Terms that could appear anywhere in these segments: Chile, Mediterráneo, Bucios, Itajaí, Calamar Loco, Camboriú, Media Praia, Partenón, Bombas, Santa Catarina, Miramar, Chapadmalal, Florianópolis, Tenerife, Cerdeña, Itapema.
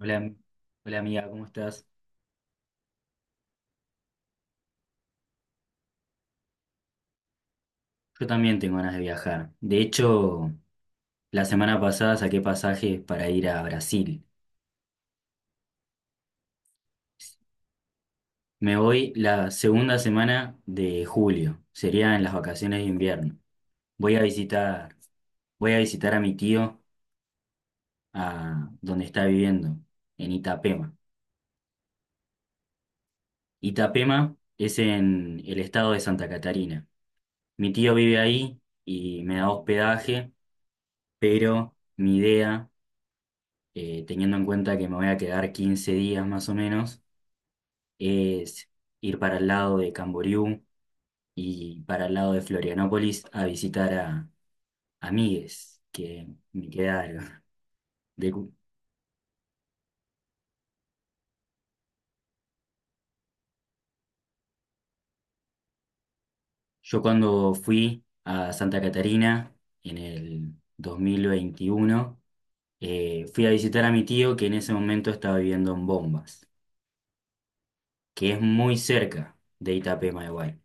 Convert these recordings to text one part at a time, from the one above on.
Hola, hola amiga, ¿cómo estás? Yo también tengo ganas de viajar. De hecho, la semana pasada saqué pasajes para ir a Brasil. Me voy la segunda semana de julio, sería en las vacaciones de invierno. Voy a visitar, voy a visitar a mi tío a donde está viviendo, en Itapema. Itapema es en el estado de Santa Catarina. Mi tío vive ahí y me da hospedaje, pero mi idea teniendo en cuenta que me voy a quedar 15 días más o menos, es ir para el lado de Camboriú y para el lado de Florianópolis a visitar a amigues que me quedaron. De cu- yo cuando fui a Santa Catarina en el 2021, fui a visitar a mi tío que en ese momento estaba viviendo en Bombas, que es muy cerca de Itapema, igual.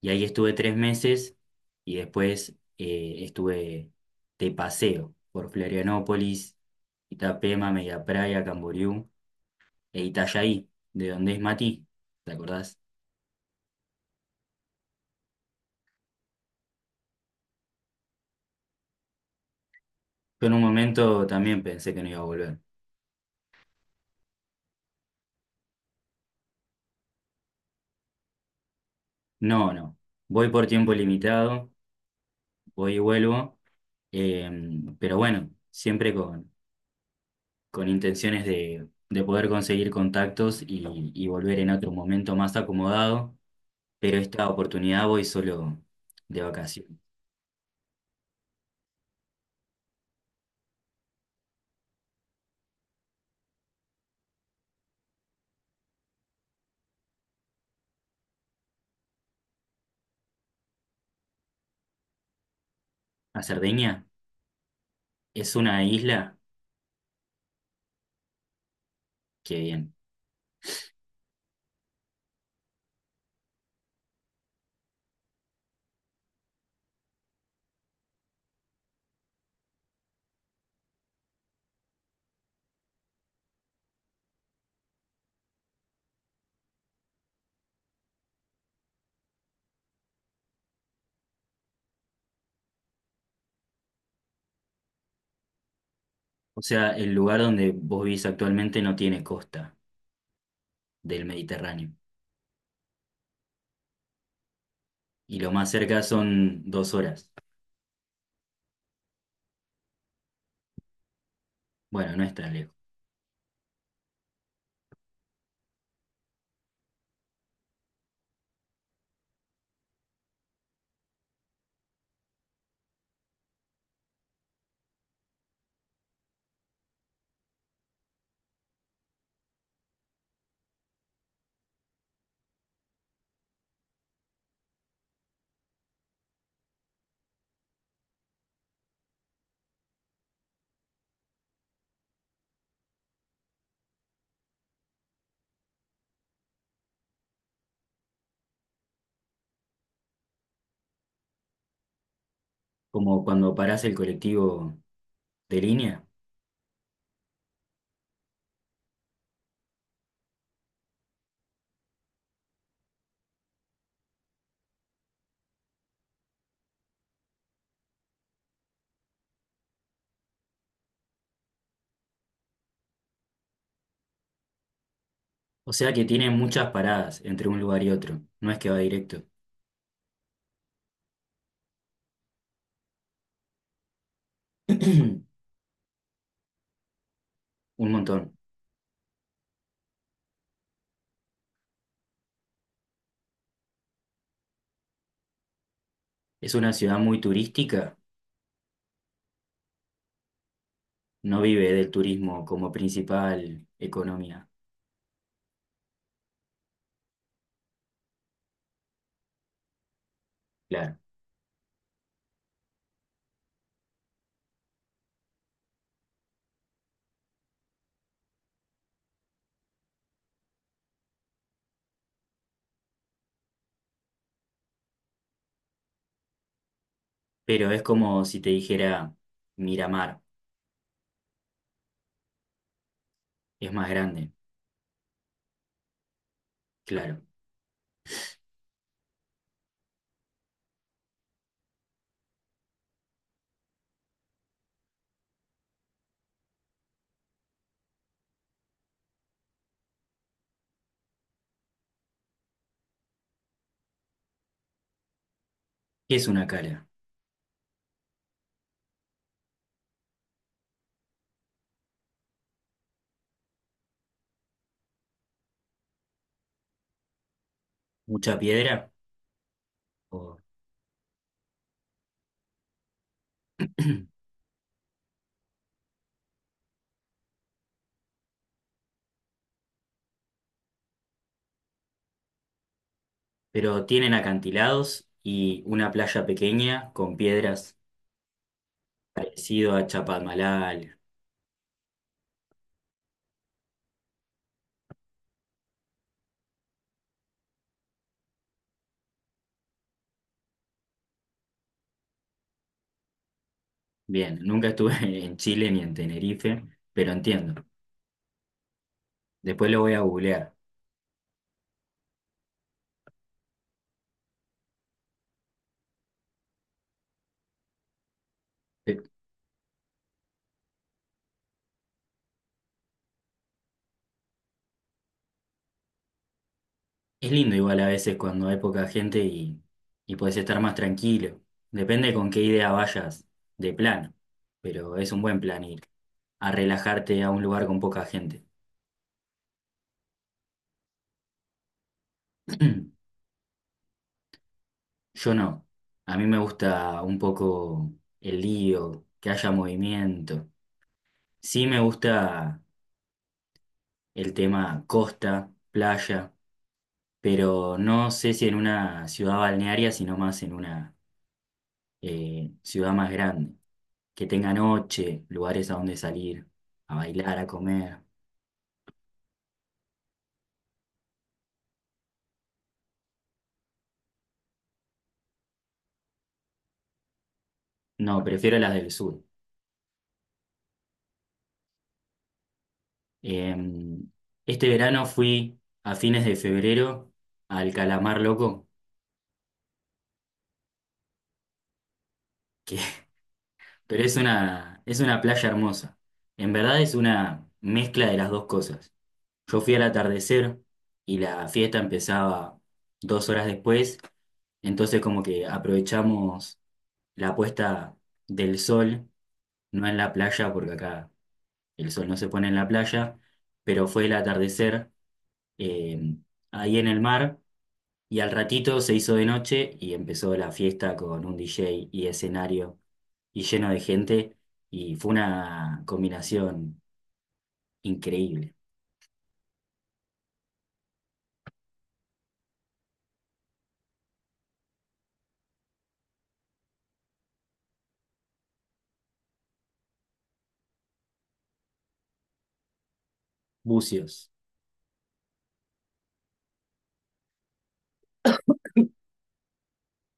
Y ahí estuve 3 meses y después estuve de paseo por Florianópolis, Itapema, Media Praia, Camboriú e Itajaí, de donde es Mati, ¿te acordás? Yo en un momento también pensé que no iba a volver. No, no, voy por tiempo limitado, voy y vuelvo, eh, pero bueno, siempre con intenciones de poder conseguir contactos y volver en otro momento más acomodado, pero esta oportunidad voy solo de vacación. A Cerdeña es una isla que bien. O sea, el lugar donde vos vivís actualmente no tiene costa del Mediterráneo. Y lo más cerca son 2 horas. Bueno, no es tan lejos. Como cuando parás el colectivo de línea. O sea que tiene muchas paradas entre un lugar y otro. No es que va directo. Un montón. Es una ciudad muy turística. No vive del turismo como principal economía. Claro. Pero es como si te dijera Miramar, es más grande, claro. ¿Qué es una cala? ¿Mucha piedra? O- Pero tienen acantilados y una playa pequeña con piedras parecido a Chapadmalal. Bien, nunca estuve en Chile ni en Tenerife, pero entiendo. Después lo voy a googlear. Es lindo igual a veces cuando hay poca gente y puedes estar más tranquilo. Depende con qué idea vayas de plan, pero es un buen plan ir a relajarte a un lugar con poca gente. Yo no. A mí me gusta un poco el lío, que haya movimiento. Sí me gusta el tema costa, playa, pero no sé si en una ciudad balnearia, sino más en una ciudad más grande, que tenga noche, lugares a donde salir, a bailar, a comer. No, prefiero las del sur. Eh, este verano fui a fines de febrero al Calamar Loco, que, pero es una playa hermosa. En verdad es una mezcla de las dos cosas. Yo fui al atardecer y la fiesta empezaba 2 horas después, entonces como que aprovechamos la puesta del sol no en la playa, porque acá el sol no se pone en la playa, pero fue el atardecer eh, ahí en el mar y al ratito se hizo de noche y empezó la fiesta con un DJ y escenario y lleno de gente y fue una combinación increíble. Bucios,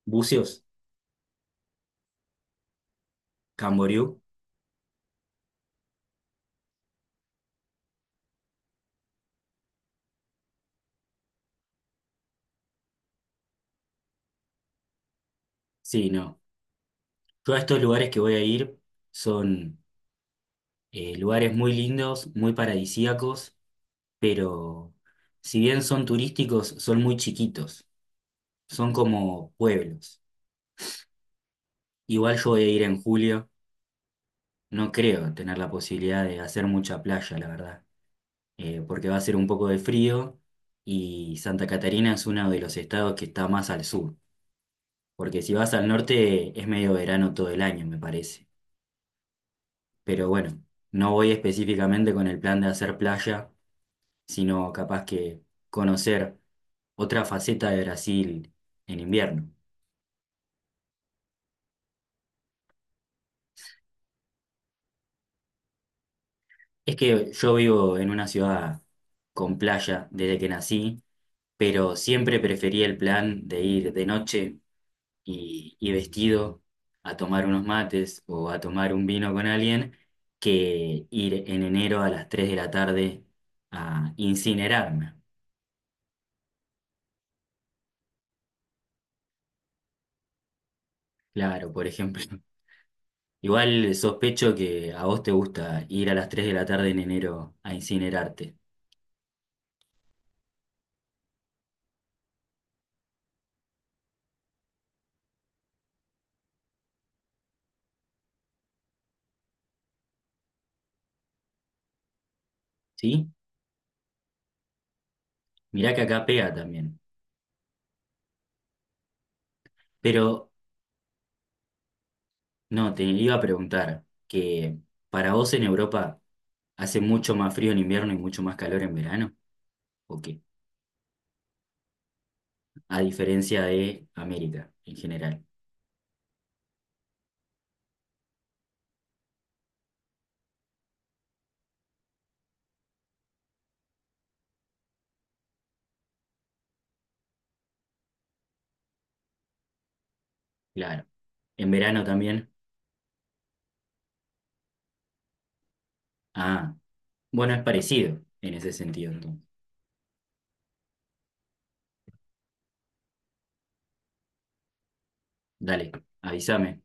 Bucios, Camboriú, sí, no. Todos estos lugares que voy a ir son lugares muy lindos, muy paradisíacos, pero si bien son turísticos, son muy chiquitos. Son como pueblos. Igual yo voy a ir en julio. No creo tener la posibilidad de hacer mucha playa, la verdad. Porque va a ser un poco de frío y Santa Catarina es uno de los estados que está más al sur. Porque si vas al norte es medio verano todo el año, me parece. Pero bueno, no voy específicamente con el plan de hacer playa, sino capaz que conocer otra faceta de Brasil en invierno. Es que yo vivo en una ciudad con playa desde que nací pero siempre prefería el plan de ir de noche y vestido a tomar unos mates o a tomar un vino con alguien que ir en enero a las 3 de la tarde a incinerarme. Claro, por ejemplo. Igual sospecho que a vos te gusta ir a las 3 de la tarde en enero a incinerarte, ¿sí? Mirá que acá pega también. Pero no, te iba a preguntar que para vos en Europa hace mucho más frío en invierno y mucho más calor en verano. Ok. A diferencia de América en general. Claro. En verano también. Ah, bueno, es parecido en ese sentido, entonces. Dale, avísame.